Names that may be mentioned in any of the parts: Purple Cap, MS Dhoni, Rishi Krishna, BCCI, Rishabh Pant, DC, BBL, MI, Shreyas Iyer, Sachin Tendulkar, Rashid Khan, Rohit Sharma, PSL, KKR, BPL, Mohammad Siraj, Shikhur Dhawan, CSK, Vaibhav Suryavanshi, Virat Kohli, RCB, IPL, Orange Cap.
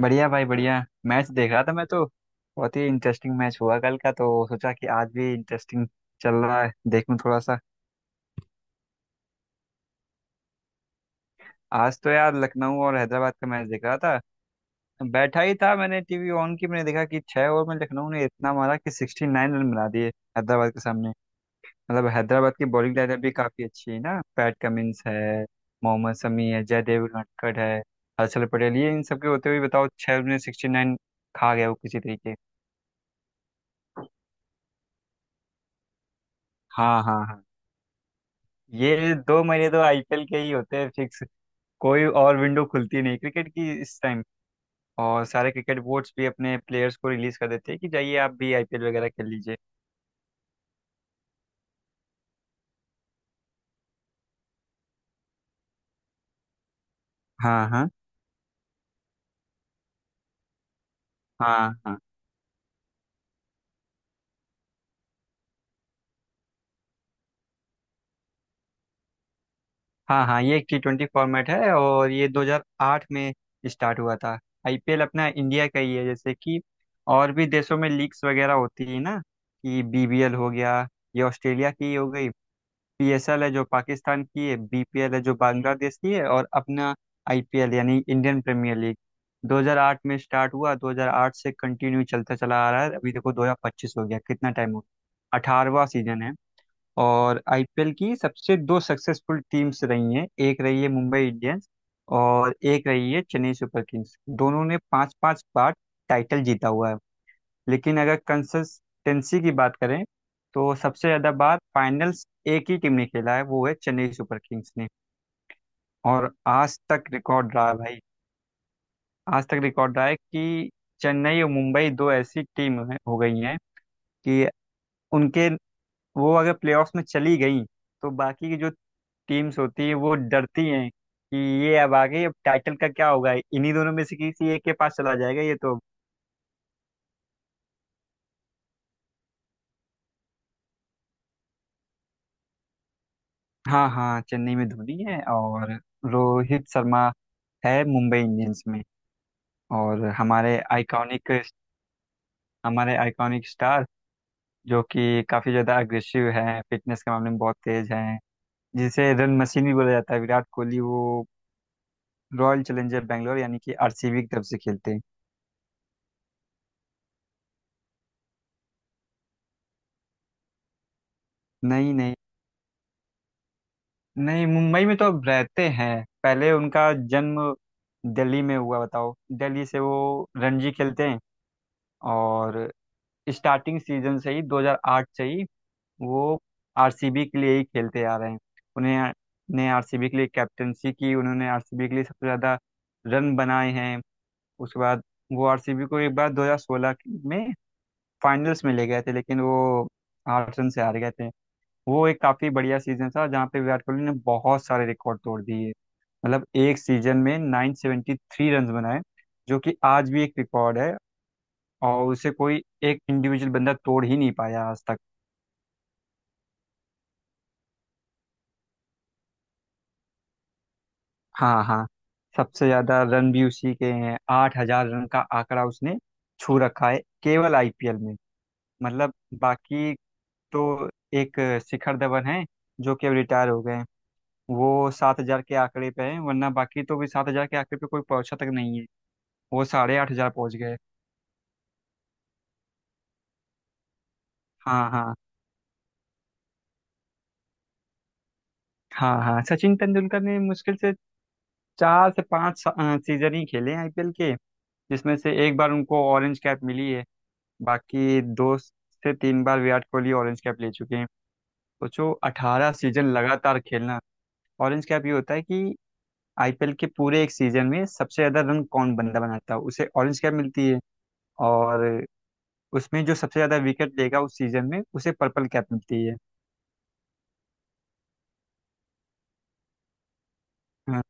बढ़िया भाई, बढ़िया। मैच देख रहा था मैं तो। बहुत ही इंटरेस्टिंग मैच हुआ कल का, तो सोचा कि आज भी इंटरेस्टिंग चल रहा है, देखूं थोड़ा सा। आज तो यार लखनऊ और हैदराबाद का मैच देख रहा था। बैठा ही था, मैंने टीवी ऑन की, मैंने देखा कि 6 ओवर में लखनऊ ने इतना मारा कि 69 रन बना दिए हैदराबाद के सामने। मतलब हैदराबाद की बॉलिंग लाइनअप भी काफी अच्छी है ना, पैट कमिंस है, मोहम्मद शमी है, जयदेव नटखट है, हर्षल पटेल। ये इन सबके होते हुए बताओ, 6 ओवर में 69 खा गया वो किसी तरीके। हाँ हाँ हाँ। ये दो महीने तो आईपीएल के ही होते हैं फिक्स। कोई और विंडो खुलती नहीं क्रिकेट की इस टाइम। और सारे क्रिकेट बोर्ड्स भी अपने प्लेयर्स को रिलीज कर देते हैं कि जाइए, आप भी आईपीएल वगैरह खेल लीजिए। हाँ हाँ हाँ। हाँ हाँ हाँ। ये टी ट्वेंटी फॉर्मेट है और ये 2008 में स्टार्ट हुआ था। आईपीएल अपना इंडिया का ही है। जैसे कि और भी देशों में लीग्स वगैरह होती है ना, कि बीबीएल हो गया, ये ऑस्ट्रेलिया की हो गई, पीएसएल है जो पाकिस्तान की है, बीपीएल है जो बांग्लादेश की है, और अपना आईपीएल, यानी इंडियन प्रीमियर लीग, 2008 में स्टार्ट हुआ। 2008 से कंटिन्यू चलता चला आ रहा है। अभी देखो 2025 हो गया, कितना टाइम हो गया, 18वां सीजन है। और आईपीएल की सबसे दो सक्सेसफुल टीम्स रही हैं, एक रही है मुंबई इंडियंस और एक रही है चेन्नई सुपर किंग्स। दोनों ने 5-5 बार टाइटल जीता हुआ है। लेकिन अगर कंसिस्टेंसी की बात करें तो सबसे ज़्यादा बार फाइनल्स एक ही टीम ने खेला है, वो है चेन्नई सुपर किंग्स ने। और आज तक रिकॉर्ड रहा है भाई, आज तक रिकॉर्ड रहा है कि चेन्नई और मुंबई दो ऐसी टीम हैं हो गई हैं कि उनके, वो अगर प्लेऑफ्स में चली गई तो बाकी की जो टीम्स होती हैं वो डरती हैं कि ये अब आगे, अब टाइटल का क्या होगा, इन्हीं दोनों में से किसी एक के पास चला जाएगा ये तो। हाँ हाँ, चेन्नई में धोनी है और रोहित शर्मा है मुंबई इंडियंस में। और हमारे आइकॉनिक, हमारे आइकॉनिक स्टार, जो कि काफ़ी ज़्यादा अग्रेसिव हैं, फिटनेस के मामले में बहुत तेज हैं, जिसे रन मशीन भी बोला जाता है, विराट कोहली, वो रॉयल चैलेंजर बैंगलोर यानी कि आरसीबी की तरफ से खेलते हैं। नहीं नहीं नहीं, मुंबई में तो अब रहते हैं, पहले उनका जन्म दिल्ली में हुआ, बताओ। दिल्ली से वो रणजी खेलते हैं। और स्टार्टिंग सीजन से ही, 2008 से ही वो आरसीबी के लिए ही खेलते आ रहे हैं। उन्हें ने आरसीबी के लिए कैप्टनसी की, उन्होंने आरसीबी के लिए सबसे ज़्यादा रन बनाए हैं। उसके बाद वो आरसीबी को एक बार 2016 में फाइनल्स में ले गए थे, लेकिन वो 8 रन से हार गए थे। वो एक काफ़ी बढ़िया सीजन था जहाँ पे विराट कोहली ने बहुत सारे रिकॉर्ड तोड़ दिए। मतलब एक सीजन में 973 रन बनाए, जो कि आज भी एक रिकॉर्ड है, और उसे कोई एक इंडिविजुअल बंदा तोड़ ही नहीं पाया आज तक। हाँ हाँ, सबसे ज्यादा रन भी उसी के हैं। 8 हजार रन का आंकड़ा उसने छू रखा है, केवल आईपीएल में। मतलब बाकी, तो एक शिखर धवन है जो कि अब रिटायर हो गए हैं, वो 7 हजार के आंकड़े पे हैं। वरना बाकी तो भी 7 हजार के आंकड़े पे कोई पहुंचा तक नहीं है। वो साढ़े 8 हजार पहुंच गए। हाँ हाँ हाँ हाँ। सचिन तेंदुलकर ने मुश्किल से 4 से 5 सीजन ही खेले हैं आईपीएल के, जिसमें से एक बार उनको ऑरेंज कैप मिली है। बाकी 2 से 3 बार विराट कोहली ऑरेंज कैप ले चुके हैं। सोचो, 18 सीजन लगातार खेलना। ऑरेंज कैप ये होता है कि आईपीएल के पूरे एक सीजन में सबसे ज्यादा रन कौन बंदा बनाता है, उसे ऑरेंज कैप मिलती है। और उसमें जो सबसे ज्यादा विकेट लेगा उस सीजन में, उसे पर्पल कैप मिलती है। हाँ।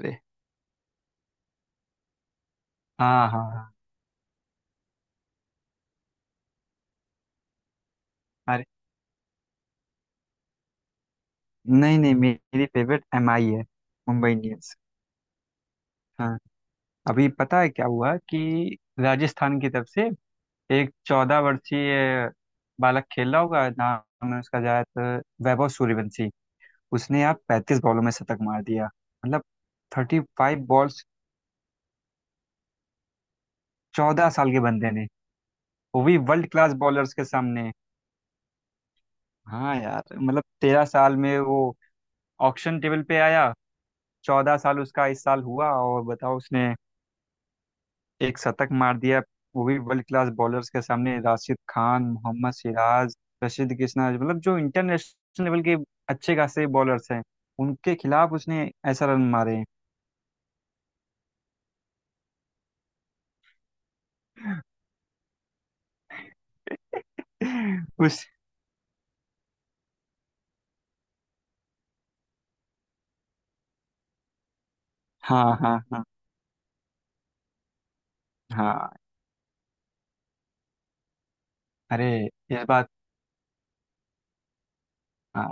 अरे, हाँ हाँ हाँ। अरे नहीं नहीं, मेरी फेवरेट एमआई है, मुंबई इंडियंस। हाँ। अभी पता है क्या हुआ कि राजस्थान की तरफ से एक 14 वर्षीय बालक खेल रहा होगा, नाम है उसका शायद वैभव सूर्यवंशी। उसने यार 35 बॉलों में शतक मार दिया, मतलब 35 बॉल्स, 14 साल के बंदे ने, वो भी वर्ल्ड क्लास बॉलर्स के सामने। हाँ यार, मतलब 13 साल में वो ऑक्शन टेबल पे आया, 14 साल उसका इस साल हुआ, और बताओ उसने एक शतक मार दिया, वो भी वर्ल्ड क्लास बॉलर्स के सामने, राशिद खान, मोहम्मद सिराज, रशीद कृष्णा, मतलब जो इंटरनेशनल लेवल के अच्छे खासे बॉलर्स हैं, उनके खिलाफ उसने ऐसा रन मारे हैं। उस हाँ हाँ हाँ हाँ। अरे, इस बार। हाँ,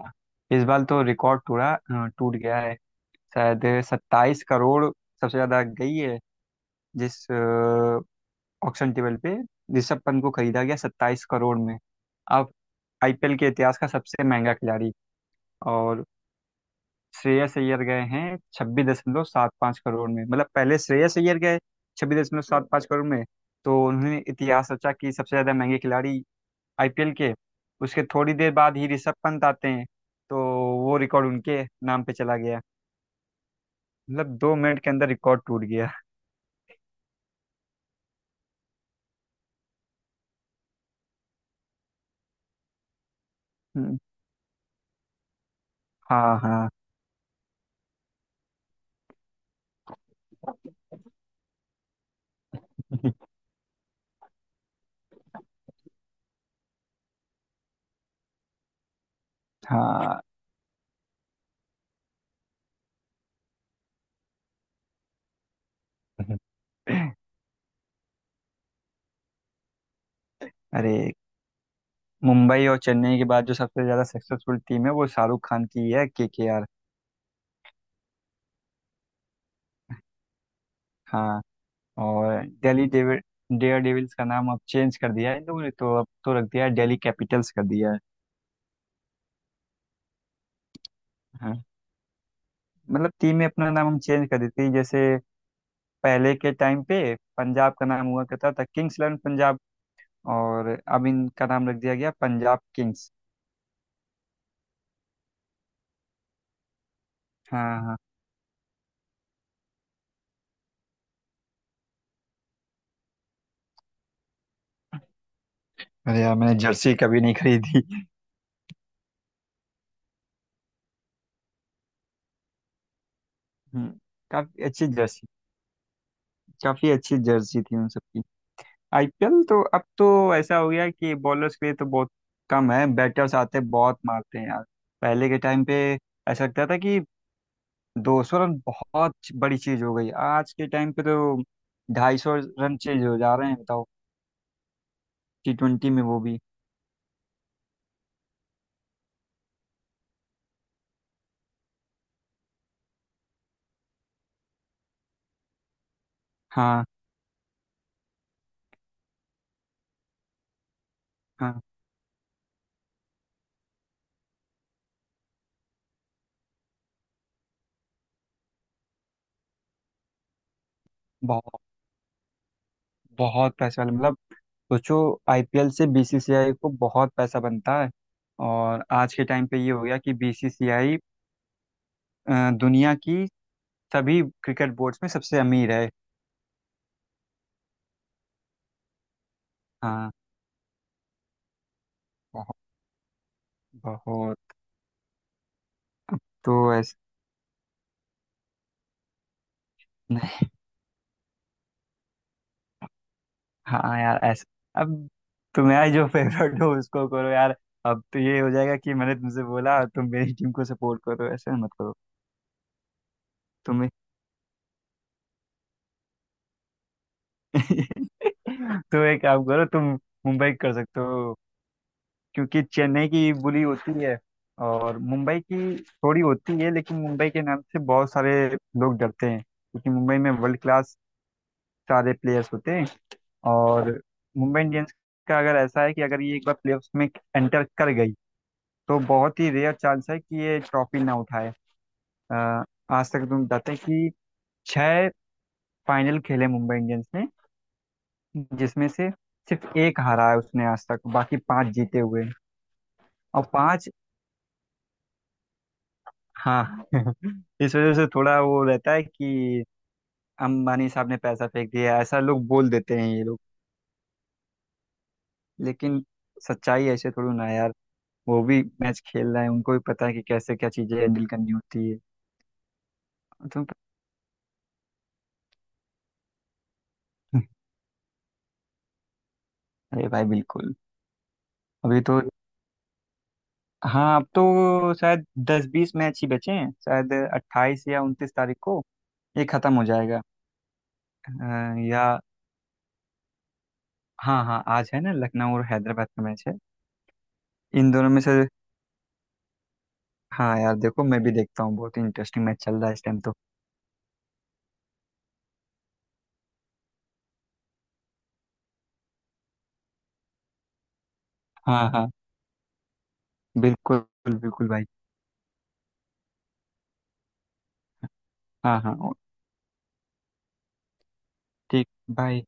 इस बार तो रिकॉर्ड टूटा, टूट गया है। शायद 27 करोड़ सबसे ज्यादा गई है, जिस ऑक्शन टेबल पे ऋषभ पंत को खरीदा गया 27 करोड़ में। अब आईपीएल के इतिहास का सबसे महंगा खिलाड़ी। और श्रेयस अय्यर गए हैं 26.75 करोड़ में। मतलब पहले श्रेयस अय्यर गए 26.75 करोड़ में, तो उन्होंने इतिहास रचा कि सबसे ज़्यादा महंगे खिलाड़ी आईपीएल के। उसके थोड़ी देर बाद ही ऋषभ पंत आते हैं, तो वो रिकॉर्ड उनके नाम पे चला गया। मतलब 2 मिनट के अंदर रिकॉर्ड टूट गया। हम्म। हाँ हाँ। हाँ। अरे, मुंबई और चेन्नई के बाद जो सबसे ज़्यादा सक्सेसफुल टीम है वो शाहरुख खान की ही है, KKR। हाँ। और दिल्ली डेविड डेयर डेविल्स का नाम अब चेंज कर दिया है इन लोगों ने, तो अब तो रख दिया है, दिल्ली कैपिटल्स कर दिया है। हाँ। मतलब टीम में अपना नाम हम चेंज कर देते हैं। जैसे पहले के टाइम पे पंजाब का नाम हुआ करता था किंग्स इलेवन पंजाब, और अब इनका नाम रख दिया गया पंजाब किंग्स। हाँ हाँ। अरे यार, मैंने जर्सी कभी नहीं खरीदी। हम्म, काफी अच्छी जर्सी, काफी अच्छी जर्सी थी उन सबकी। आईपीएल तो अब तो ऐसा हो गया कि बॉलर्स के लिए तो बहुत कम है, बैटर्स आते हैं, बहुत मारते हैं यार। पहले के टाइम पे ऐसा लगता था कि 200 रन बहुत बड़ी चीज, हो गई आज के टाइम पे तो 250 रन चेंज हो जा रहे हैं, बताओ, टी ट्वेंटी में वो भी। हाँ हाँ, बहुत, बहुत पैसा वाले। मतलब सोचो, आईपीएल से बीसीसीआई को बहुत पैसा बनता है, और आज के टाइम पे ये हो गया कि बीसीसीआई दुनिया की सभी क्रिकेट बोर्ड्स में सबसे अमीर है। हाँ, बहुत। तो ऐस नहीं, हाँ यार, ऐसा अब तुम्हारा जो फेवरेट हो उसको करो यार। अब तो ये हो जाएगा कि मैंने तुमसे बोला, तुम मेरी टीम को सपोर्ट करो, ऐसा मत करो तुम्हें। तो एक काम करो तुम, मुंबई कर सकते हो, क्योंकि चेन्नई की बुरी होती है और मुंबई की थोड़ी होती है, लेकिन मुंबई के नाम से बहुत सारे लोग डरते हैं, क्योंकि मुंबई में वर्ल्ड क्लास सारे प्लेयर्स होते हैं। और मुंबई इंडियंस का अगर ऐसा है कि अगर ये एक बार प्लेऑफ्स में एंटर कर गई, तो बहुत ही रेयर चांस है कि ये ट्रॉफी ना उठाए। अ, आज तक तुम बताते हैं कि 6 फाइनल खेले मुंबई इंडियंस ने, जिसमें से सिर्फ एक हारा है उसने आज तक, बाकी 5 जीते हुए हैं। और पांच। हाँ इस वजह से थोड़ा वो रहता है कि अंबानी साहब ने पैसा फेंक दिया, ऐसा लोग बोल देते हैं ये लोग। लेकिन सच्चाई ऐसे थोड़ी ना है यार, वो भी मैच खेल रहा है, उनको भी पता है कि कैसे क्या चीजें हैंडल करनी होती है। तो अरे भाई बिल्कुल। अभी तो हाँ, अब तो शायद दस बीस मैच ही बचे हैं, शायद 28 या 29 तारीख को ये खत्म हो जाएगा। या हाँ हाँ, आज है ना, लखनऊ और हैदराबाद का मैच है इन दोनों में से। हाँ यार, देखो मैं भी देखता हूँ, बहुत ही इंटरेस्टिंग मैच चल रहा है इस टाइम तो। हाँ हाँ, बिल्कुल, बिल्कुल भाई। हाँ हाँ, ठीक। बाय।